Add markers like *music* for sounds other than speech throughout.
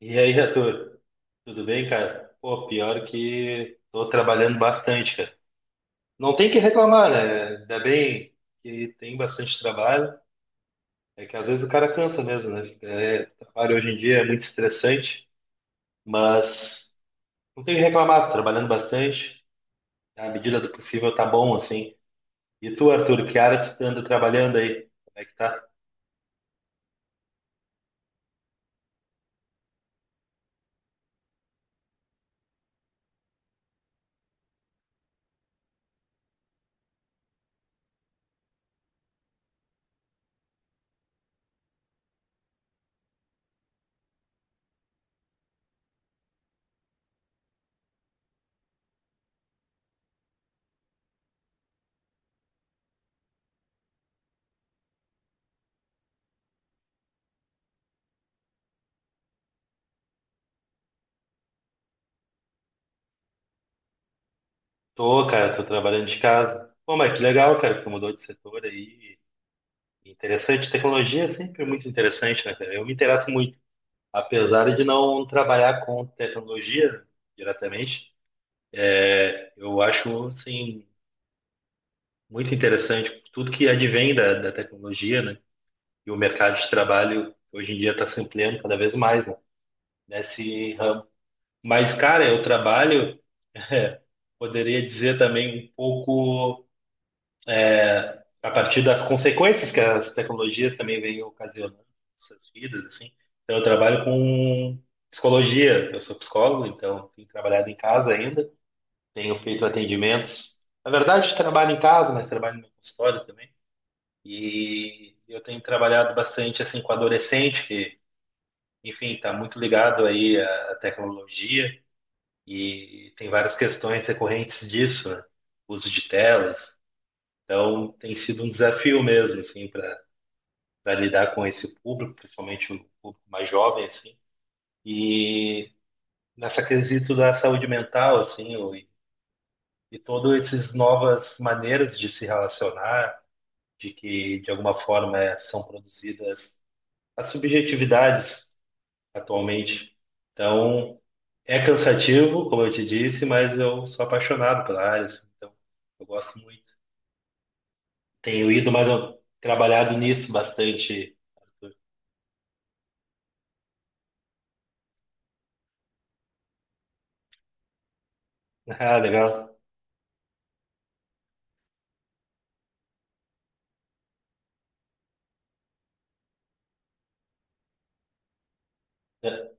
E aí, Arthur, tudo bem, cara? Pô, pior que tô trabalhando bastante, cara. Não tem que reclamar, né? Ainda bem que tem bastante trabalho. É que às vezes o cara cansa mesmo, né? É, trabalho hoje em dia é muito estressante, mas não tem que reclamar, tô trabalhando bastante. À medida do possível tá bom, assim. E tu, Arthur, que área tu anda trabalhando aí? Como é que tá? Tô, cara, tô trabalhando de casa. Pô, mas que legal, cara, que tu mudou de setor aí. Interessante, tecnologia é sempre muito interessante, né, cara? Eu me interesso muito. Apesar de não trabalhar com tecnologia diretamente, eu acho, assim, muito interessante tudo que advém da tecnologia, né? E o mercado de trabalho hoje em dia está se ampliando cada vez mais, né? Nesse ramo. Mas, cara, eu trabalho, *laughs* poderia dizer também um pouco a partir das consequências que as tecnologias também vêm ocasionando nessas vidas, assim. Então, eu trabalho com psicologia, eu sou psicólogo, então tenho trabalhado em casa ainda, tenho feito atendimentos. Na verdade, trabalho em casa, mas trabalho no meu consultório também. E eu tenho trabalhado bastante assim com adolescente, que, enfim, está muito ligado aí à tecnologia e tem várias questões recorrentes disso, né? Uso de telas. Então, tem sido um desafio mesmo, assim, para lidar com esse público, principalmente o público mais jovem, assim. E nessa quesito da saúde mental, assim, e todas essas novas maneiras de se relacionar, de que, de alguma forma, são produzidas as subjetividades atualmente. Então, é cansativo, como eu te disse, mas eu sou apaixonado pela área, assim, então eu gosto muito. Tenho ido, mas eu trabalhado nisso bastante. Arthur. *laughs* Ah, legal. É.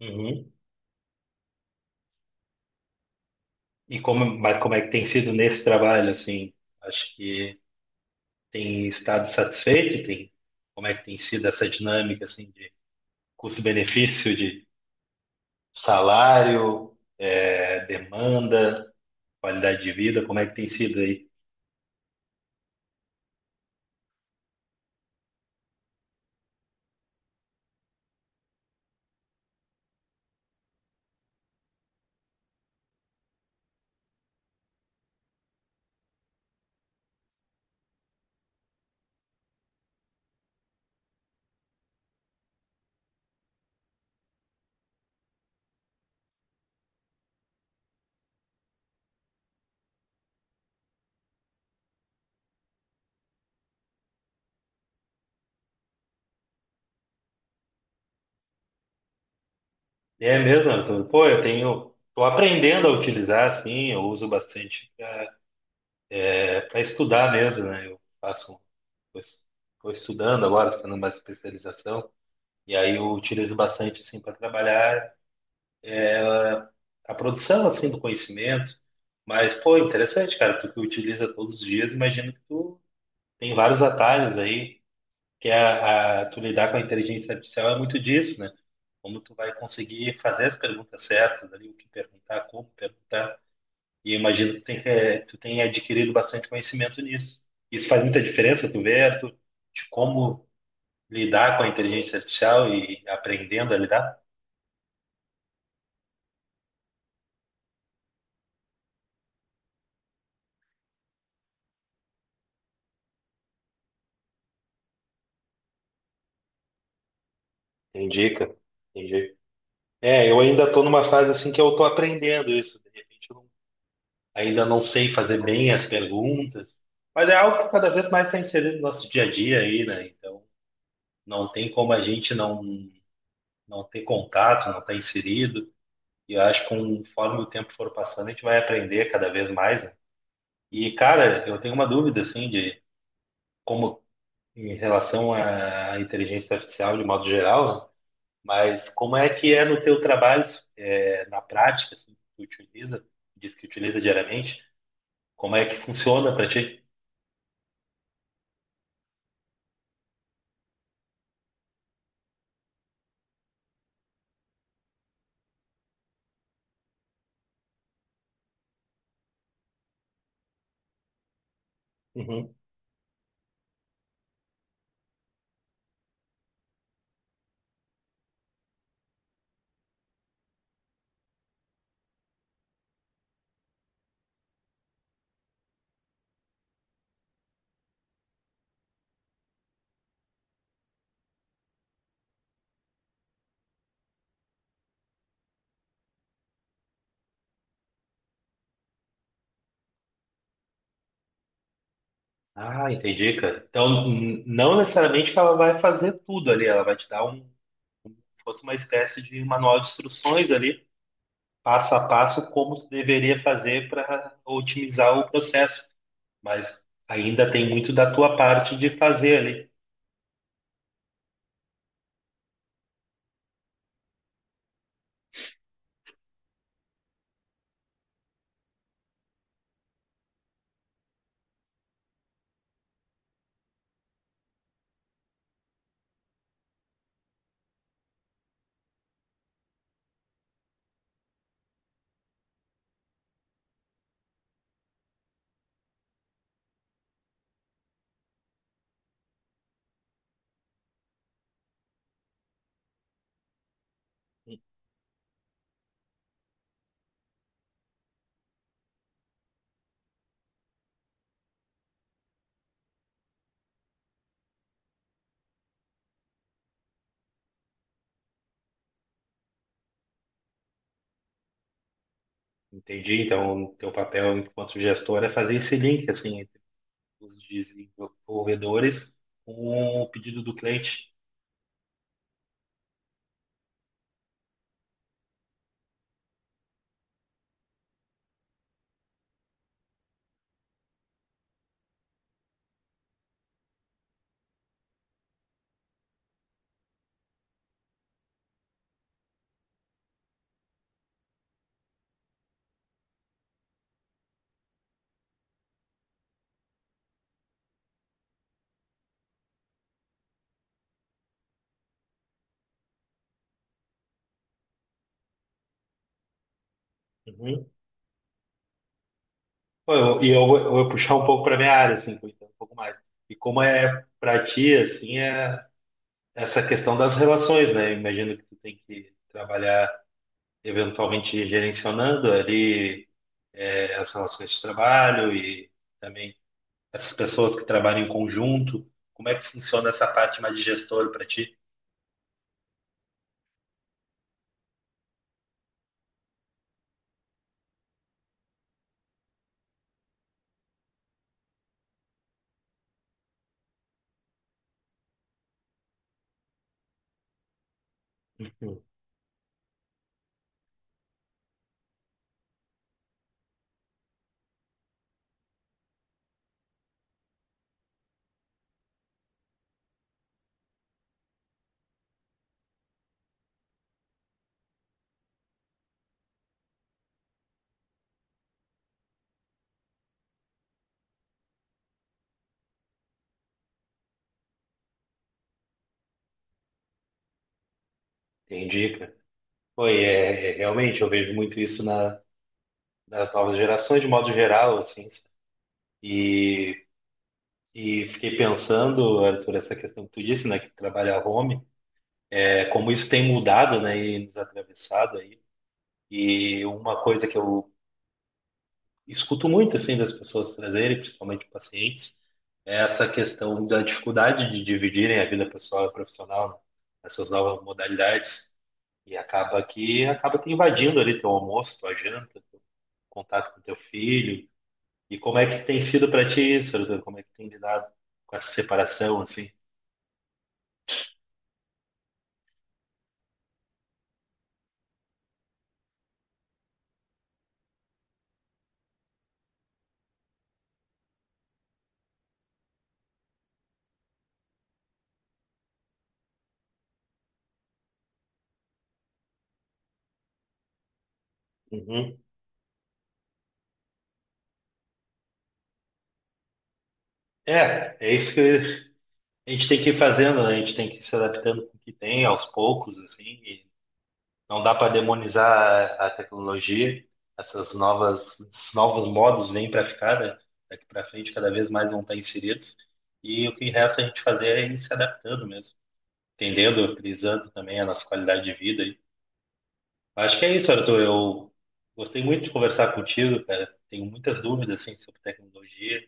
Uhum. E como, mas como é que tem sido nesse trabalho, assim? Acho que tem estado satisfeito, tem, como é que tem sido essa dinâmica, assim, de custo-benefício, de salário, é, demanda, qualidade de vida, como é que tem sido aí? É mesmo, Arthur? Pô, eu tenho, tô aprendendo a utilizar, assim, eu uso bastante para estudar mesmo, né? Eu faço, estou estudando agora, fazendo mais especialização, e aí eu utilizo bastante, assim, para trabalhar a produção, assim, do conhecimento. Mas, pô, interessante, cara. Tu que utiliza todos os dias, imagino que tu tem vários atalhos aí, que é tu lidar com a inteligência artificial é muito disso, né? Como tu vai conseguir fazer as perguntas certas ali, o que perguntar, como perguntar. E eu imagino que tem, tu tem adquirido bastante conhecimento nisso. Isso faz muita diferença, tu vê, Arthur, de como lidar com a inteligência artificial e aprendendo a lidar? Indica, é, eu ainda estou numa fase assim que eu estou aprendendo isso. De repente, eu não- ainda não sei fazer bem as perguntas, mas é algo que cada vez mais está inserido no nosso dia a dia aí, né? Então, não tem como a gente não não ter contato, não estar inserido. E eu acho que conforme o tempo for passando, a gente vai aprender cada vez mais, né? E, cara, eu tenho uma dúvida assim de como em relação à inteligência artificial de modo geral, né? Mas como é que é no teu trabalho, é, na prática, assim, que tu utiliza, diz que utiliza diariamente, como é que funciona para ti? Uhum. Ah, entendi, cara. Então, não necessariamente que ela vai fazer tudo ali, ela vai te dar um, se fosse uma espécie de manual de instruções ali, passo a passo, como tu deveria fazer para otimizar o processo. Mas ainda tem muito da tua parte de fazer ali. Entendi. Então, o teu papel enquanto gestor é fazer esse link, assim, os desenvolvedores com o pedido do cliente. Uhum. Pô, e eu, vou puxar um pouco para minha área, assim, vou entrar um pouco mais. E como é para ti, assim, é essa questão das relações, né? Imagino que tu tem que trabalhar eventualmente gerenciando ali é, as relações de trabalho e também essas pessoas que trabalham em conjunto. Como é que funciona essa parte mais de gestor para ti? Uhum. Entendi, cara. Foi, é, é, realmente, eu vejo muito isso na das novas gerações, de modo geral, assim. Sabe? E, e fiquei pensando, Arthur, essa questão que tu disse, né, que trabalha home, é, como isso tem mudado, né, e nos atravessado aí. E uma coisa que eu escuto muito, assim, das pessoas trazerem, principalmente pacientes, é essa questão da dificuldade de dividirem a vida pessoal e profissional, né, essas novas modalidades. E acaba que acaba te invadindo ali teu almoço, tua janta, teu contato com teu filho, e como é que tem sido para ti isso, Arthur? Como é que tem lidado com essa separação, assim? Uhum. É, é isso que a gente tem que ir fazendo, né? A gente tem que ir se adaptando com o que tem, aos poucos, assim. E não dá para demonizar a tecnologia. Esses novos modos vêm para ficar, né? Daqui para frente, cada vez mais vão estar inseridos. E o que resta a gente fazer é ir se adaptando mesmo, entendendo, priorizando também a nossa qualidade de vida. Acho que é isso, Arthur. Eu gostei muito de conversar contigo, cara. Tenho muitas dúvidas, assim, sobre tecnologia.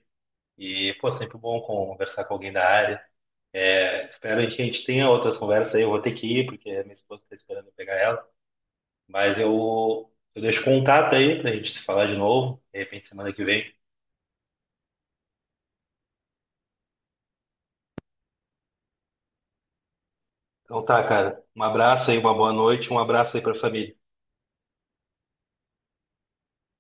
E, pô, sempre bom conversar com alguém da área. É, espero que a gente tenha outras conversas aí. Eu vou ter que ir, porque a minha esposa está esperando eu pegar ela. Mas eu deixo contato aí pra gente se falar de novo, de repente semana que vem. Então tá, cara. Um abraço aí, uma boa noite, um abraço aí pra família.